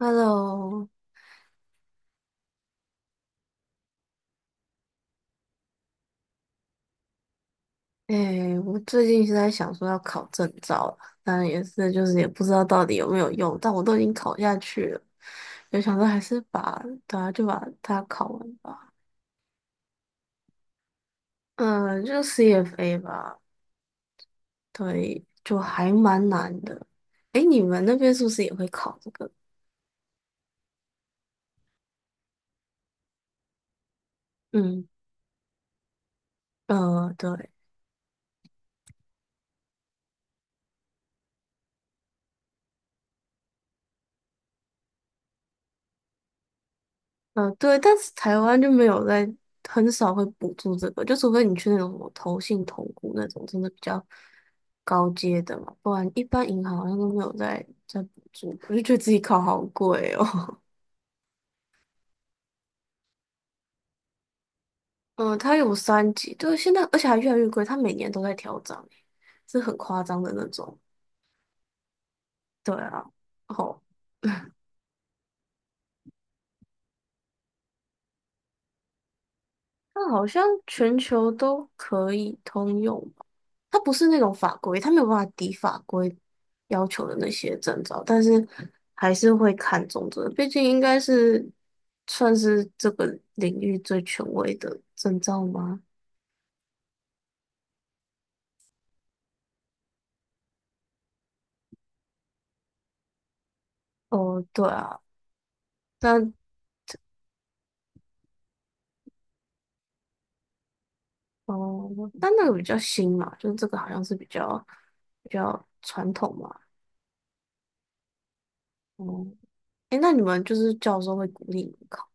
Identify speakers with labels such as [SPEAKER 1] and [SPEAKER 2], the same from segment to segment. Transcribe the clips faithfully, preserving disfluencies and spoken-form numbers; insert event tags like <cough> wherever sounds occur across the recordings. [SPEAKER 1] Hello，哎、我最近是在想说要考证照了，当然也是就是也不知道到底有没有用，但我都已经考下去了，就想说还是把对啊就把它考完吧。嗯，就 C F A 吧，对，就还蛮难的。哎、你们那边是不是也会考这个？嗯，呃，对。嗯，对，但是台湾就没有在，很少会补助这个，就除非你去那种什么投信、投顾那种，真的比较高阶的嘛，不然一般银行好像都没有在在补助。我就觉得自己考好贵哦。<laughs> 嗯，它有三级，对，现在而且还越来越贵，它每年都在调涨欸，是很夸张的那种。对啊，哦。它好像全球都可以通用吧？它不是那种法规，它没有办法抵法规要求的那些证照，但是还是会看重这个，毕竟应该是算是这个领域最权威的证照吗？哦，对啊，但哦，但那个比较新嘛，就是这个好像是比较比较传统嘛。哦，诶，那你们就是教授会鼓励你们考？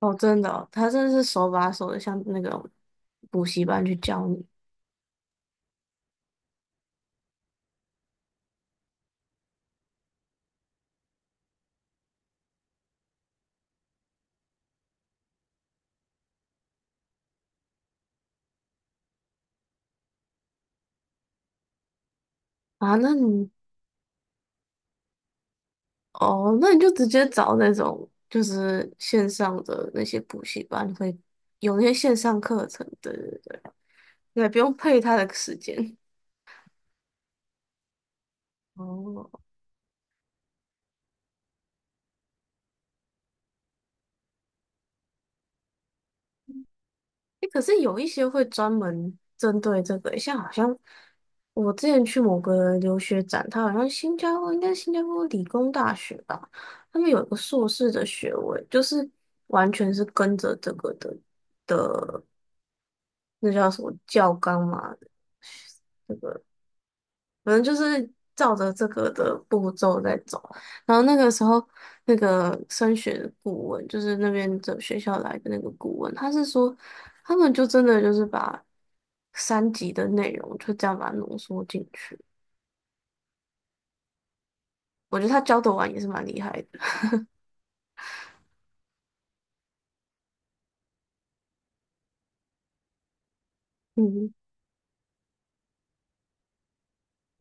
[SPEAKER 1] 哦，真的哦他真的是手把手的，像那种补习班去教你啊。那你哦，那你就直接找那种就是线上的那些补习班会有那些线上课程，对对对，你也不用配他的时间。哦，诶，可是有一些会专门针对这个，像好像我之前去某个留学展，他好像新加坡应该是新加坡理工大学吧，他们有一个硕士的学位，就是完全是跟着这个的。那叫什么教纲嘛，反正就是照着这个的步骤在走。然后那个时候，那个升学的顾问，就是那边的学校来的那个顾问，他是说，他们就真的就是把三级的内容就这样把它浓缩进去。我觉得他教的完也是蛮厉害的，嗯，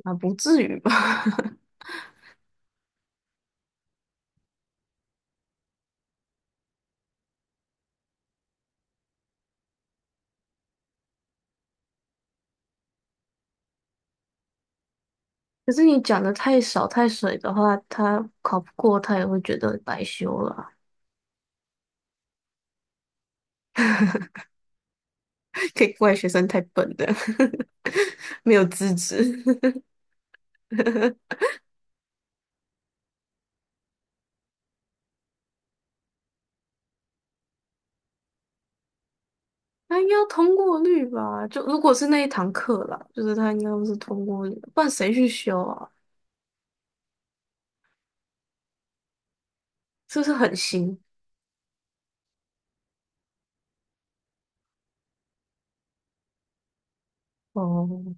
[SPEAKER 1] 啊，不至于吧？<laughs> 可是你讲的太少太水的话，他考不过，他也会觉得白修了啊。可以怪学生太笨的，<laughs> 没有资质。<laughs> 他应该要通过率吧？就如果是那一堂课啦，就是他应该都是通过率，不然谁去修啊？是不是很新？哦，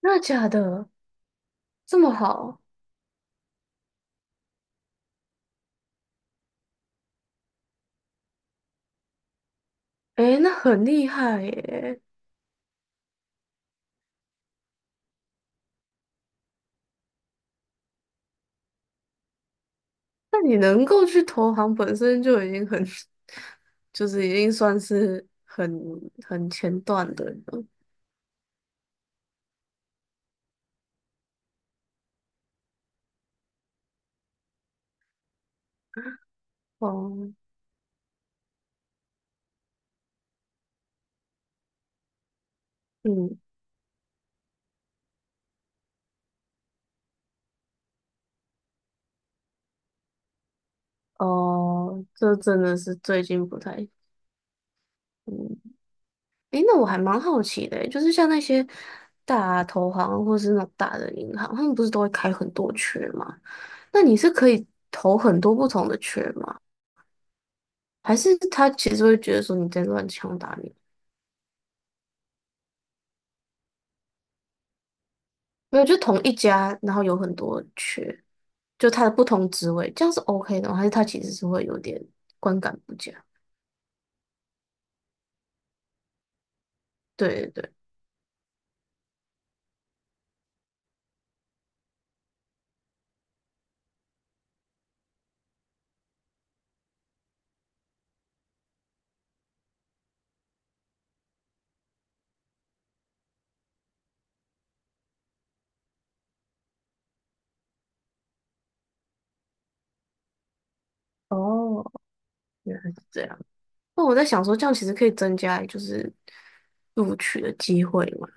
[SPEAKER 1] 那假的？这么好？诶，那很厉害耶！那你能够去投行，本身就已经很，<laughs> 就是已经算是很很前段的了。哦，嗯，哦，这真的是最近不太，嗯。诶，那我还蛮好奇的欸，就是像那些大投行或是那种大的银行，他们不是都会开很多缺吗？那你是可以投很多不同的缺吗？还是他其实会觉得说你在乱枪打鸟？没有，就同一家，然后有很多缺，就他的不同职位，这样是 OK 的吗还是他其实是会有点观感不佳？对对对，哦，原来是这样。那我在想说，这样其实可以增加就是录取的机会嘛？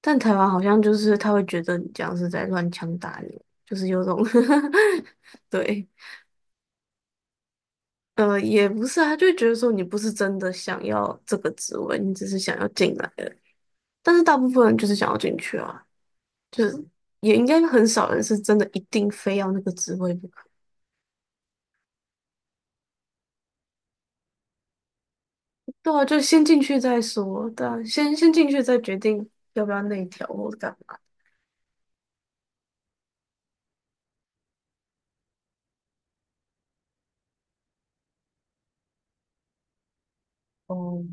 [SPEAKER 1] 但台湾好像就是他会觉得你这样是在乱枪打鸟，就是有种 <laughs> 对，呃，也不是啊，他就会觉得说你不是真的想要这个职位，你只是想要进来的。但是大部分人就是想要进去啊，就是也应该很少人是真的一定非要那个职位不可。对啊，就先进去再说，对啊，先先进去再决定要不要内调或者干嘛。哦，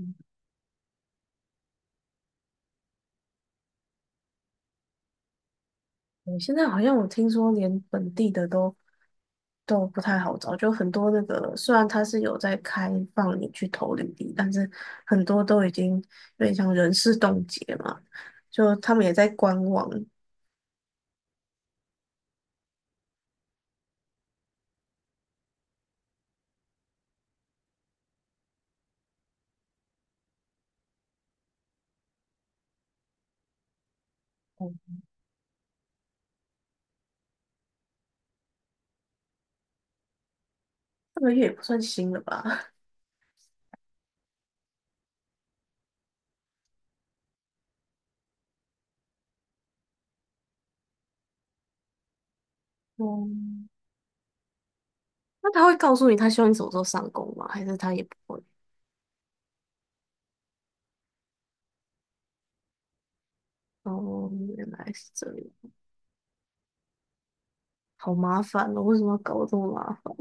[SPEAKER 1] 我现在好像我听说连本地的都。都不太好找，就很多那个，虽然他是有在开放你去投履历，但是很多都已经有点像人事冻结嘛，就他们也在观望，这个月也不算新了吧？<laughs> 嗯，那他会告诉你他希望你什么时候上工吗？还是他也不会？哦，原来是这样，好麻烦哦，为什么要搞这么麻烦？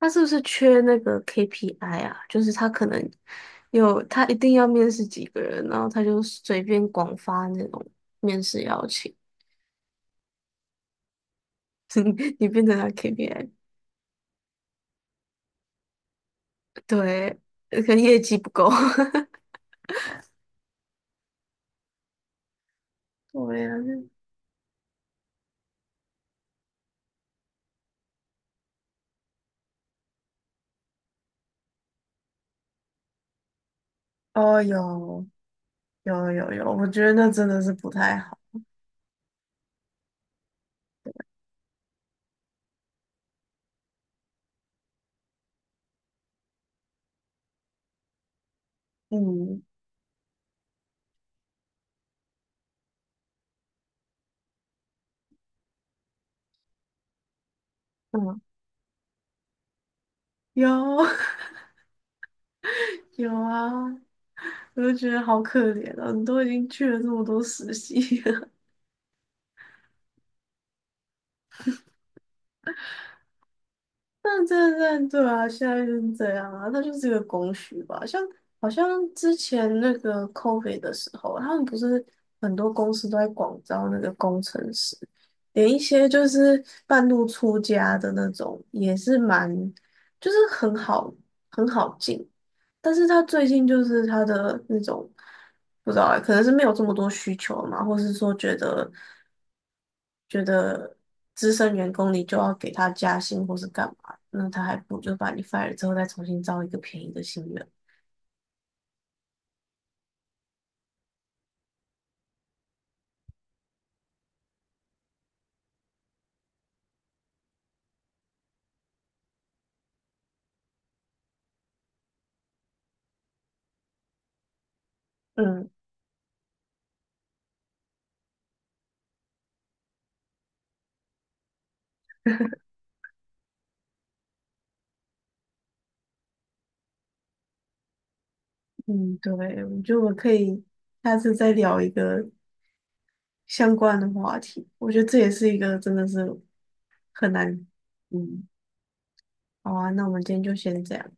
[SPEAKER 1] 他是不是缺那个 K P I 啊？就是他可能有，他一定要面试几个人，然后他就随便广发那种面试邀请，<laughs> 你变成他 K P I，对，呃可能业绩不够。<laughs> 对呀，哦，有有有有，我觉得那真的是不太好。嗯，嗯，有 <laughs> 有啊，我就觉得好可怜啊，你都已经去了这么多实习。<laughs> 但对对对啊，现在就是这样啊，那就是一个供需吧。像好像之前那个 COVID 的时候，他们不是很多公司都在广招那个工程师，连一些就是半路出家的那种，也是蛮就是很好很好进。但是他最近就是他的那种不知道欸，可能是没有这么多需求嘛，或是说觉得觉得资深员工你就要给他加薪或是干嘛。那他还不如就把你 fire 之后再重新招一个便宜的新人。嗯，嗯，对，我觉得我们可以下次再聊一个相关的话题。我觉得这也是一个真的是很难。嗯，好啊，那我们今天就先这样。